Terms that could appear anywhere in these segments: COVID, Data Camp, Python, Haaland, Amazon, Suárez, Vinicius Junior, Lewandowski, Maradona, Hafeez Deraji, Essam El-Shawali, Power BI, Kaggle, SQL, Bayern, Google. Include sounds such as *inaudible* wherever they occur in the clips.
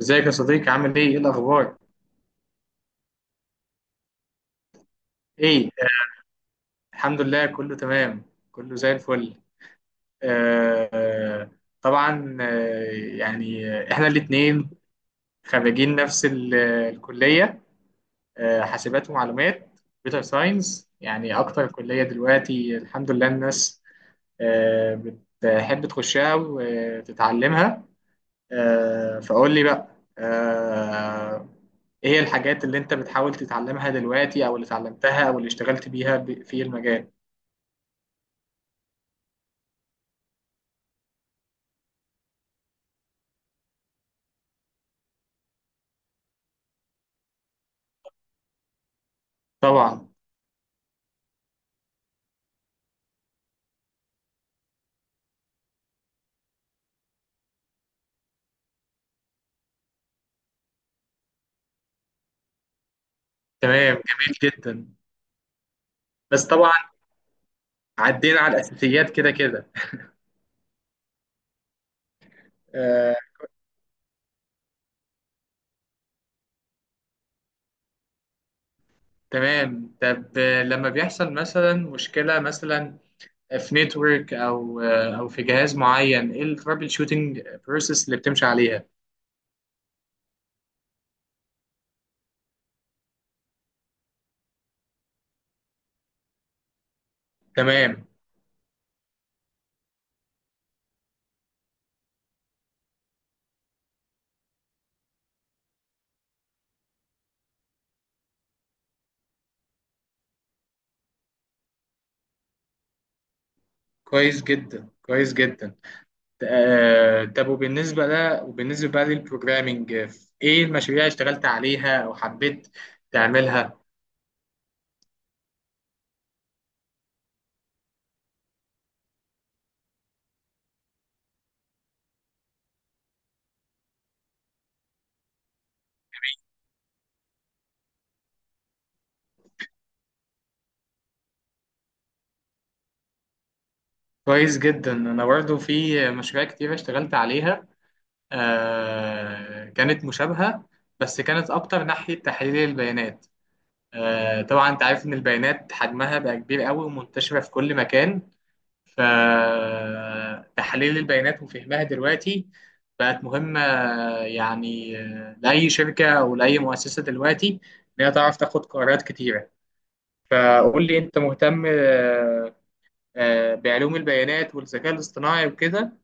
ازيك يا صديقي عامل ايه؟ ايه الاخبار؟ ايه؟ الحمد لله، كله تمام. كله زي الفل. آه آه، طبعا. يعني احنا الاتنين خريجين نفس الكلية. حاسبات ومعلومات، كمبيوتر ساينس. يعني اكتر كلية دلوقتي، الحمد لله الناس آه بتحب تخشها وتتعلمها. فقول لي بقى، آه، ايه هي الحاجات اللي انت بتحاول تتعلمها دلوقتي او اللي اتعلمتها او اللي اشتغلت بيها في المجال. طبعا. تمام، جميل جدا. بس طبعا عدينا على الاساسيات كده كده. آه، تمام. طب لما بيحصل مثلا مشكلة مثلا في نتورك، او او في جهاز معين، ايه الترابل شوتنج بروسيس اللي بتمشي عليها؟ تمام. كويس جدا كويس جدا. طب وبالنسبة لا وبالنسبة بقى للبروجرامينج، ايه المشاريع اللي اشتغلت عليها او حبيت تعملها؟ كويس جدا. انا برضه في مشاريع كتير اشتغلت عليها. كانت مشابهة، بس كانت اكتر ناحية تحليل البيانات. طبعا انت عارف ان البيانات حجمها بقى كبير قوي ومنتشرة في كل مكان، فتحليل البيانات وفهمها دلوقتي بقت مهمة، يعني لأي شركة أو لأي مؤسسة دلوقتي، إن هي تعرف تاخد قرارات كتيرة. فقول لي أنت مهتم بعلوم البيانات والذكاء الاصطناعي وكده؟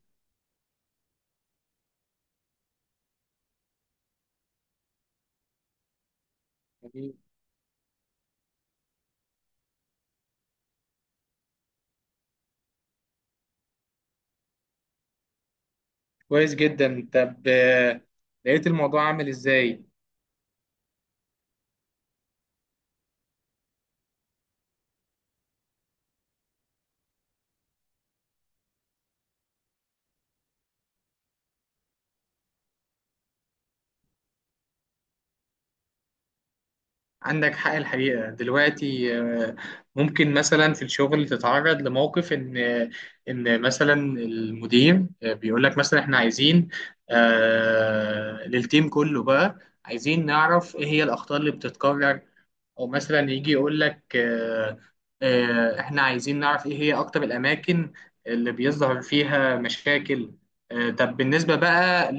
جميل. كويس جدا. طب لقيت الموضوع عامل إزاي؟ عندك حق الحقيقة. دلوقتي ممكن مثلا في الشغل تتعرض لموقف، إن مثلا المدير بيقول لك مثلا، إحنا عايزين للتيم كله بقى، عايزين نعرف إيه هي الأخطاء اللي بتتكرر. او مثلا يجي يقول لك احنا عايزين نعرف ايه هي اكتر الاماكن اللي بيظهر فيها مشاكل. طب بالنسبة بقى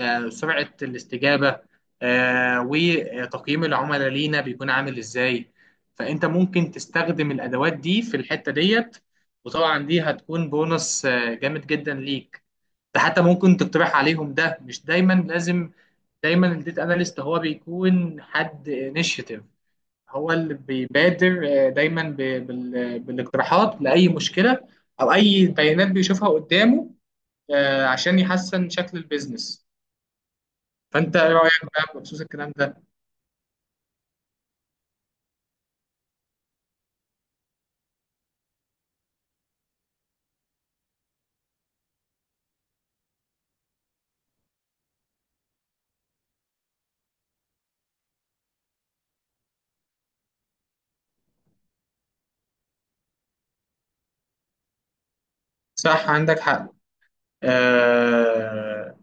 لسرعة الاستجابة وتقييم العملاء لينا بيكون عامل ازاي. فانت ممكن تستخدم الادوات دي في الحتة ديت، وطبعا دي هتكون بونص جامد جدا ليك. ده حتى ممكن تقترح عليهم، ده مش دايما لازم. دايما الديتا اناليست هو بيكون حد انيشيتيف، هو اللي بيبادر دايما بالاقتراحات لاي مشكله او اي بيانات بيشوفها قدامه، عشان يحسن شكل البيزنس. فانت ايه رايك بقى بخصوص الكلام ده؟ صح، عندك حق. آه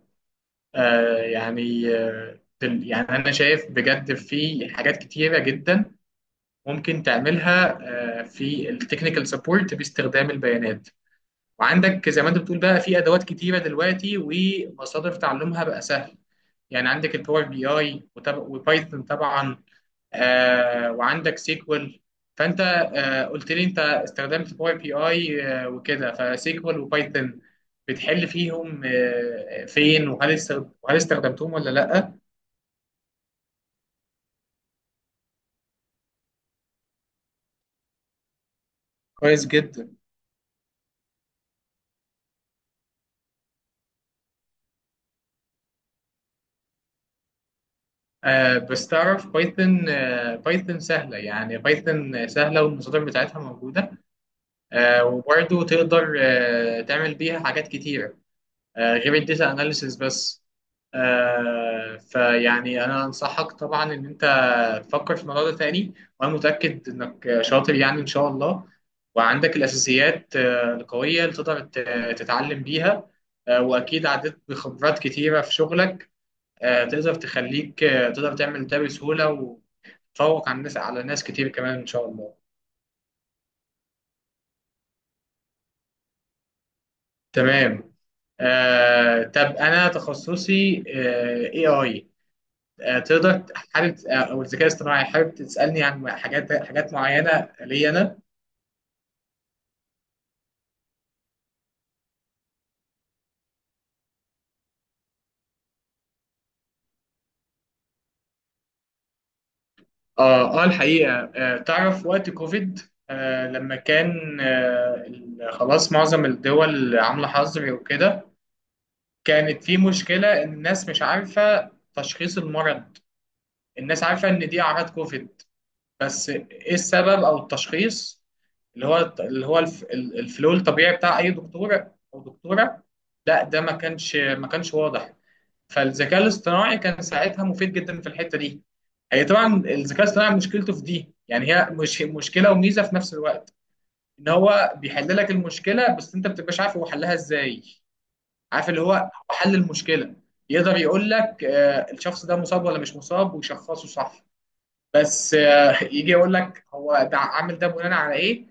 يعني، يعني انا شايف بجد في حاجات كتيره جدا ممكن تعملها في التكنيكال سبورت باستخدام البيانات. وعندك زي ما انت بتقول بقى في ادوات كتيره دلوقتي، ومصادر تعلمها بقى سهل. يعني عندك الباور بي اي وبايثون طبعا، وعندك سيكوال. فانت قلت لي انت استخدمت باور بي اي وكده، فسيكوال وبايثون بتحل فيهم فين؟ وهل استخدمتهم ولا لا؟ كويس جدا. بس تعرف بايثون، بايثون سهله. يعني بايثون سهله، والمصادر بتاعتها موجوده، وبرضه تقدر تعمل بيها حاجات كتيرة غير الداتا اناليسيس بس. فيعني انا انصحك طبعا ان انت تفكر في الموضوع ده تاني، وانا متأكد انك شاطر يعني ان شاء الله. وعندك الاساسيات القوية اللي تقدر تتعلم بيها، واكيد عديت بخبرات كتيرة في شغلك، تقدر تخليك تقدر تعمل ده بسهولة، وتفوق على الناس، على ناس كتير كمان ان شاء الله. تمام. طب انا تخصصي اي اي، تقدر حابب او الذكاء الاصطناعي، حابب تسالني عن حاجات معينه لي انا؟ اه اه، الحقيقه تعرف وقت كوفيد، لما كان خلاص معظم الدول عامله حظر وكده، كانت في مشكله ان الناس مش عارفه تشخيص المرض. الناس عارفه ان دي اعراض كوفيد، بس ايه السبب او التشخيص اللي هو الفلو الطبيعي بتاع اي دكتور او دكتوره. لا ده ما كانش واضح. فالذكاء الاصطناعي كان ساعتها مفيد جدا في الحته دي. هي طبعا الذكاء الاصطناعي مشكلته في دي، يعني هي مش مشكله وميزه في نفس الوقت، ان هو بيحل لك المشكله بس انت ما بتبقاش عارف هو حلها ازاي. عارف اللي هو، هو حل المشكله، يقدر يقول لك الشخص ده مصاب ولا مش مصاب ويشخصه صح، بس يجي يقول لك هو ده عامل ده بناء على ايه،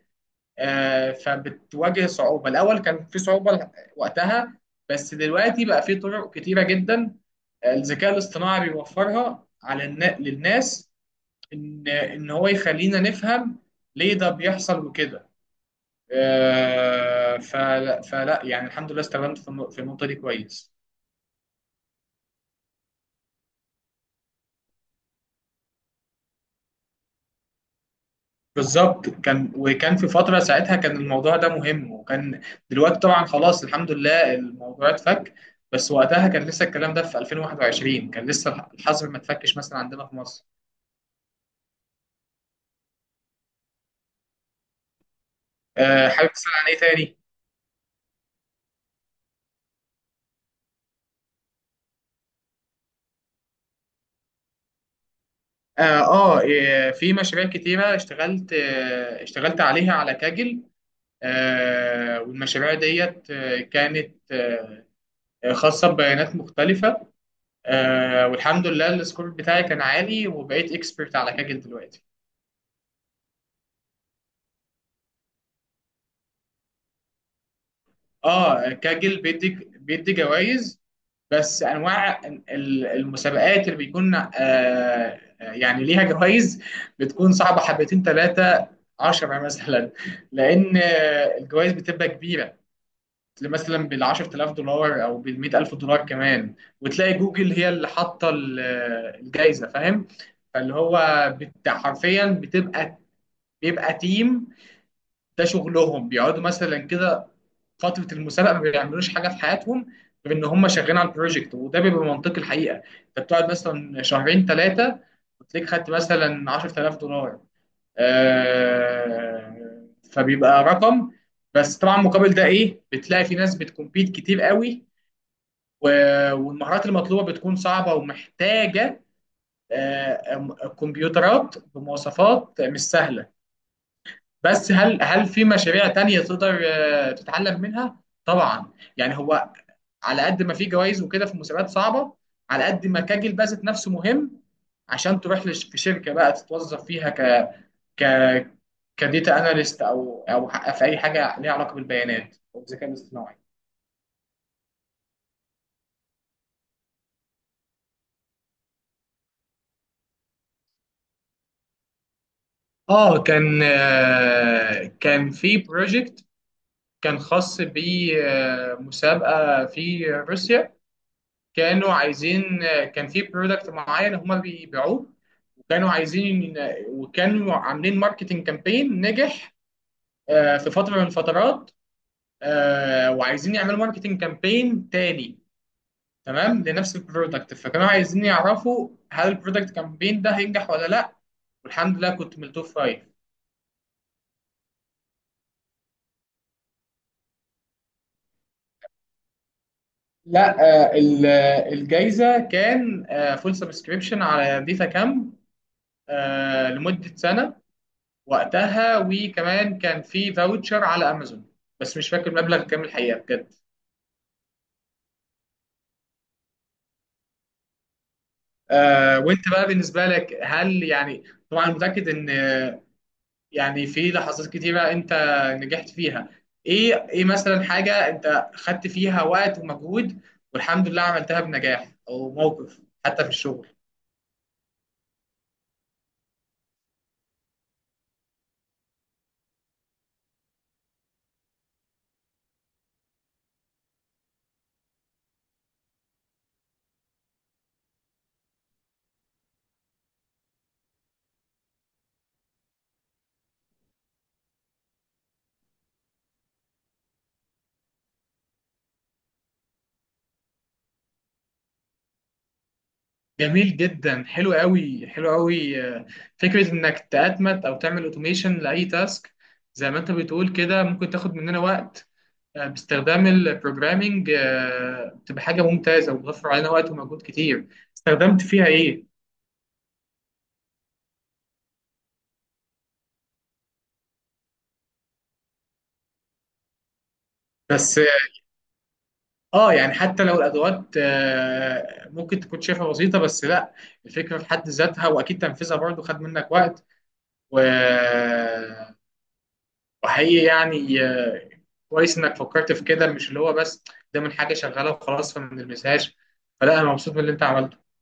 فبتواجه صعوبة. الأول كان في صعوبة وقتها، بس دلوقتي بقى في طرق كتيرة جدا الذكاء الاصطناعي بيوفرها للناس، إن هو يخلينا نفهم ليه ده بيحصل وكده. فلا يعني الحمد لله استخدمت في النقطة دي كويس. بالظبط كان، وكان في فترة ساعتها كان الموضوع ده مهم، وكان دلوقتي طبعا خلاص الحمد لله الموضوع اتفك. بس وقتها كان لسه الكلام ده في 2021، كان لسه الحظر ما اتفكش مثلا عندنا في مصر. حابب تسأل عن ايه تاني؟ اه إيه، في مشاريع كتيرة اشتغلت اشتغلت عليها على كاجل. والمشاريع ديت كانت خاصة ببيانات مختلفة. والحمد لله السكور بتاعي كان عالي، وبقيت اكسبرت على كاجل دلوقتي. اه كاجل بيدي جوائز. بس انواع المسابقات اللي بيكون يعني ليها جوائز بتكون صعبه حبتين ثلاثه 10 *laughs* مثلا، لان الجوائز بتبقى كبيره، مثلا بال 10,000 دولار او بال 100,000 دولار كمان. وتلاقي جوجل هي اللي حاطه الجايزه، فاهم؟ فاللي هو حرفيا، بيبقى تيم ده شغلهم بيقعدوا مثلا كده فتره المسابقه ما بيعملوش حاجه في حياتهم غير ان هم شغالين على البروجكت. وده بيبقى منطقي الحقيقه، انت بتقعد مثلا شهرين ثلاثه وتلاقيك خدت مثلا 10,000 دولار. آه فبيبقى رقم. بس طبعا مقابل ده ايه، بتلاقي في ناس بتكمبيت كتير قوي، والمهارات المطلوبه بتكون صعبه ومحتاجه كمبيوترات بمواصفات مش سهله. بس هل في مشاريع تانية تقدر تتعلم منها؟ طبعا. يعني هو، على قد ما في جوائز وكده في مسابقات صعبة، على قد ما كاجل بقى ذات نفسه مهم عشان تروح في شركة بقى تتوظف فيها ك ك كديتا اناليست، او في اي حاجة ليها علاقة بالبيانات او الذكاء الاصطناعي. اه كان كان في بروجكت كان خاص بمسابقة في روسيا. كانوا عايزين، كان في برودكت معين هما بيبيعوه، وكانوا عايزين، وكانوا عاملين ماركتنج كامبين نجح في فترة من الفترات، وعايزين يعملوا ماركتنج كامبين تاني تمام لنفس البرودكت. فكانوا عايزين يعرفوا هل البرودكت كامبين ده هينجح ولا لا. والحمد لله كنت من التوب فايف. لا الجايزة كان فول سبسكريبشن على ديتا كامب لمدة سنة وقتها، وكمان كان في فاوتشر على امازون، بس مش فاكر المبلغ كام الحقيقه بجد. وانت بقى بالنسبه لك، هل يعني طبعا متاكد ان يعني في لحظات كتيره انت نجحت فيها، ايه مثلا حاجه انت خدت فيها وقت ومجهود والحمد لله عملتها بنجاح، او موقف حتى في الشغل؟ جميل جدا، حلو قوي حلو قوي. فكره انك تأتمت او تعمل اوتوميشن لاي تاسك زي ما انت بتقول كده ممكن تاخد مننا وقت باستخدام البروجرامينج بتبقى حاجه ممتازه وبتوفر علينا وقت ومجهود كتير. استخدمت فيها ايه؟ بس اه يعني حتى لو الادوات ممكن تكون شايفها بسيطه، بس لا، الفكره في حد ذاتها واكيد تنفيذها برضو خد منك وقت و... وحقيقي يعني كويس انك فكرت في كده، مش اللي هو بس ده من حاجه شغاله وخلاص فما نلمسهاش. فلا انا مبسوط من اللي انت عملته.